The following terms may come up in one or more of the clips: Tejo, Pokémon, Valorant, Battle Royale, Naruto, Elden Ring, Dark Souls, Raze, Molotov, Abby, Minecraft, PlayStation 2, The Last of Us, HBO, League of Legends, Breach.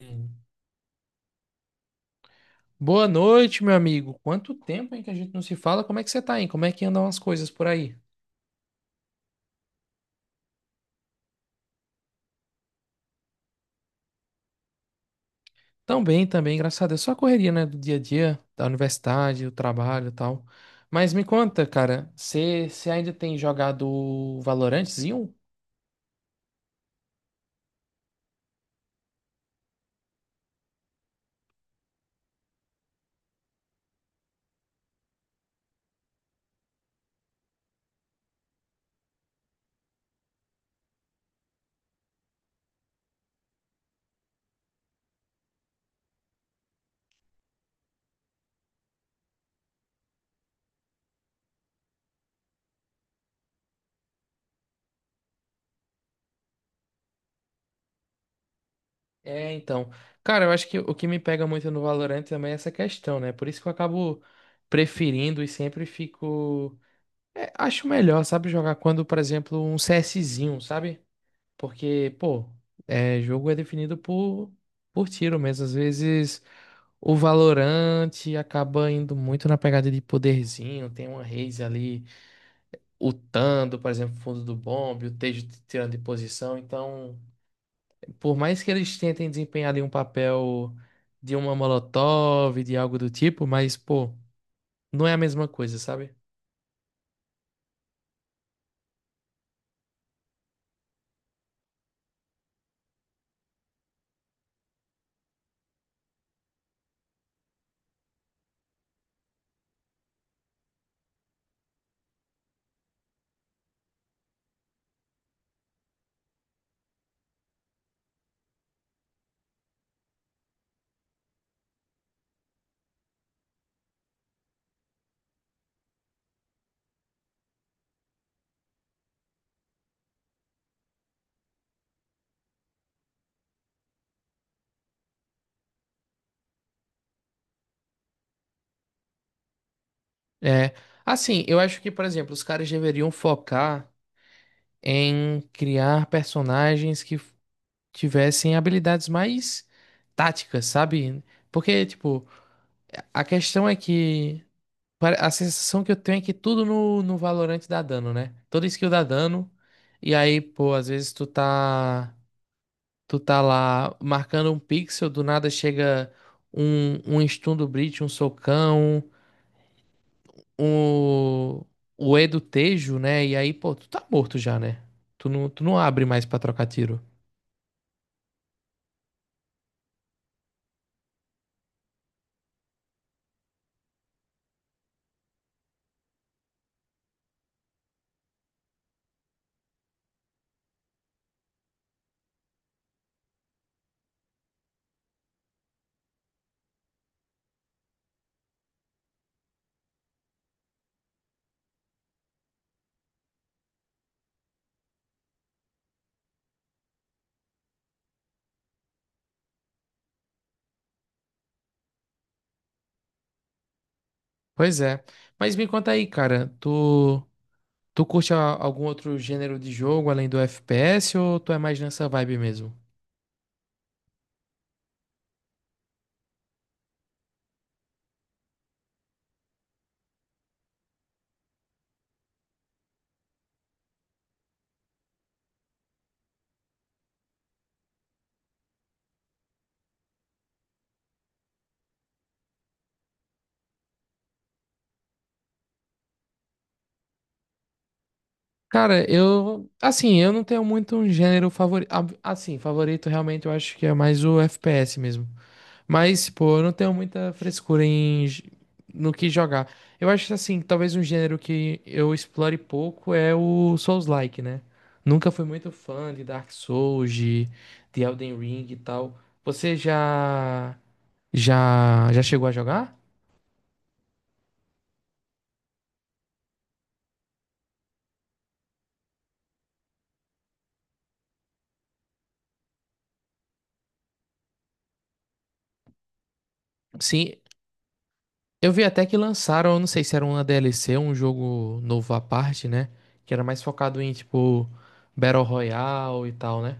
Hum. Boa noite, meu amigo. Quanto tempo, hein, que a gente não se fala? Como é que você tá, hein? Como é que andam as coisas por aí? Tão bem, também, graças a Deus. Só a correria, né, do dia a dia, da universidade, do trabalho e tal. Mas me conta, cara, você ainda tem jogado Valorantezinho? É, então. Cara, eu acho que o que me pega muito no Valorant também é essa questão, né? Por isso que eu acabo preferindo e sempre fico. Acho melhor, sabe, jogar quando, por exemplo, um CSzinho, sabe? Porque, pô, jogo é definido por tiro mesmo. Às vezes o Valorante acaba indo muito na pegada de poderzinho. Tem uma Raze ali ultando, por exemplo, fundo do bombe, o Tejo te tirando de posição. Então, por mais que eles tentem desempenhar ali um papel de uma Molotov, de algo do tipo, mas, pô, não é a mesma coisa, sabe? É. Assim, eu acho que, por exemplo, os caras deveriam focar em criar personagens que tivessem habilidades mais táticas, sabe? Porque, tipo, a questão é que a sensação que eu tenho é que tudo no Valorant dá dano, né? Toda skill dá dano. E aí, pô, às vezes tu tá lá marcando um pixel, do nada chega um stun do Breach, um socão, um, o E do Tejo, né? E aí, pô, tu tá morto já, né? Tu não abre mais pra trocar tiro. Pois é. Mas me conta aí, cara, tu. Tu curte a- Algum outro gênero de jogo além do FPS ou tu é mais nessa vibe mesmo? Cara, eu, assim, eu não tenho muito um gênero favorito, assim, favorito realmente eu acho que é mais o FPS mesmo. Mas, pô, eu não tenho muita frescura no que jogar. Eu acho assim, que assim, talvez um gênero que eu explore pouco é o Souls-like, né? Nunca fui muito fã de Dark Souls, de Elden Ring e tal. Você já chegou a jogar? Sim. Eu vi até que lançaram, eu não sei se era uma DLC, um jogo novo à parte, né? Que era mais focado em, tipo, Battle Royale e tal, né?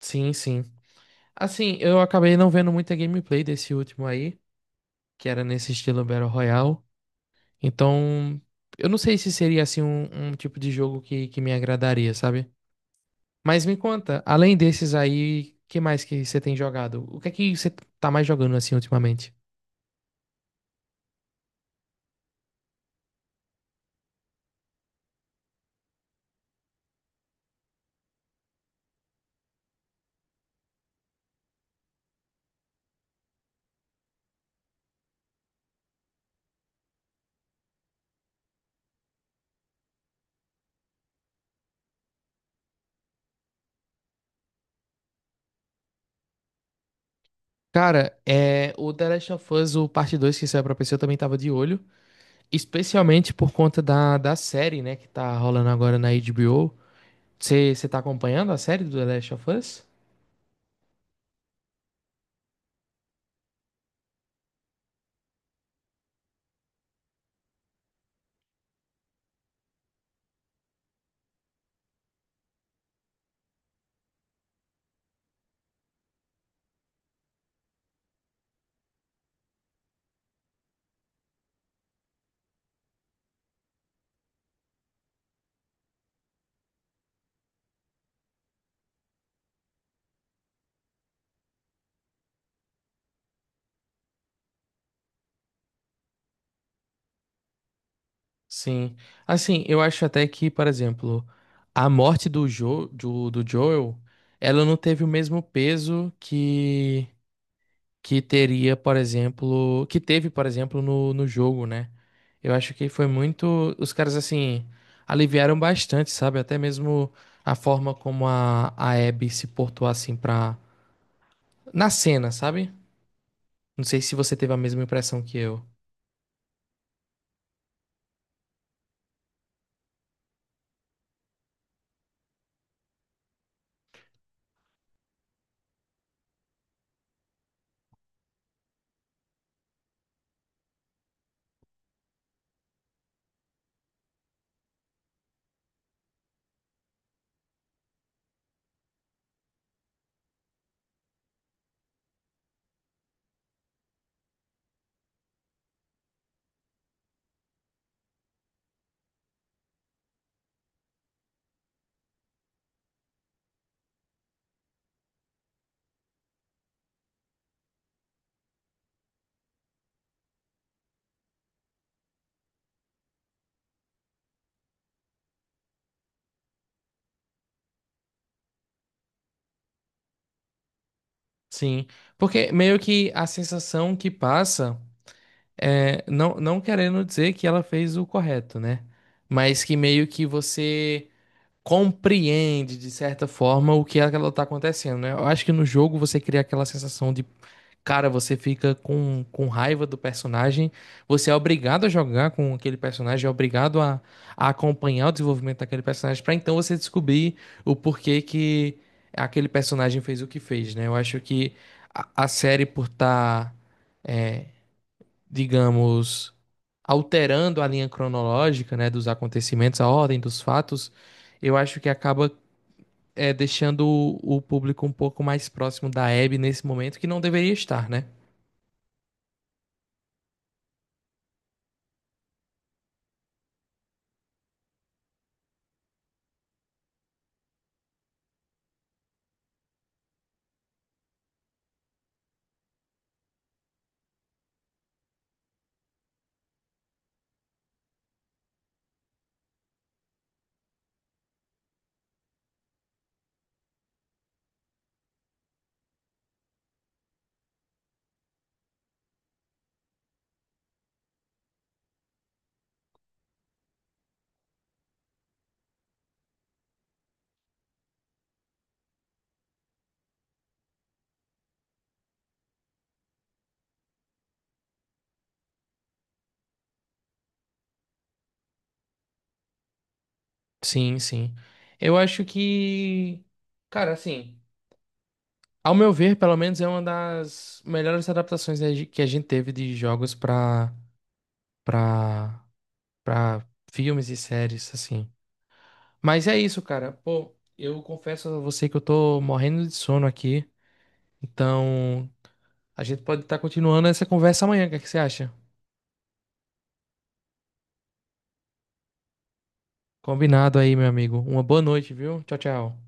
Sim, sim. Assim, eu acabei não vendo muita gameplay desse último aí, que era nesse estilo Battle Royale. Então, eu não sei se seria, assim, um tipo de jogo que me agradaria, sabe? Mas me conta, além desses aí, que mais que você tem jogado? O que é que você tá mais jogando, assim, ultimamente? Cara, é, o The Last of Us, o parte 2 que saiu pra PC, eu também tava de olho. Especialmente por conta da série, né, que tá rolando agora na HBO. Você tá acompanhando a série do The Last of Us? Sim. Assim, eu acho até que, por exemplo, a morte do Joel, ela não teve o mesmo peso que teria, por exemplo, que teve, por exemplo, no jogo, né? Eu acho que foi muito, os caras assim aliviaram bastante, sabe? Até mesmo a forma como a Abby se portou assim pra na cena, sabe? Não sei se você teve a mesma impressão que eu. Sim, porque meio que a sensação que passa é não não querendo dizer que ela fez o correto, né? Mas que meio que você compreende, de certa forma, o que é que ela tá acontecendo, né? Eu acho que no jogo você cria aquela sensação de, cara, você fica com raiva do personagem, você é obrigado a jogar com aquele personagem, é obrigado a acompanhar o desenvolvimento daquele personagem, pra então você descobrir o porquê que aquele personagem fez o que fez, né? Eu acho que a série, por estar, digamos, alterando a linha cronológica, né, dos acontecimentos, a ordem dos fatos, eu acho que acaba é, deixando o público um pouco mais próximo da Abby nesse momento, que não deveria estar, né? Sim, sim. Eu acho que, cara, assim, ao meu ver, pelo menos é uma das melhores adaptações né, que a gente teve de jogos pra, pra filmes e séries, assim. Mas é isso, cara. Pô, eu confesso a você que eu tô morrendo de sono aqui. Então, a gente pode estar continuando essa conversa amanhã. O que é que você acha? Combinado aí, meu amigo. Uma boa noite, viu? Tchau, tchau.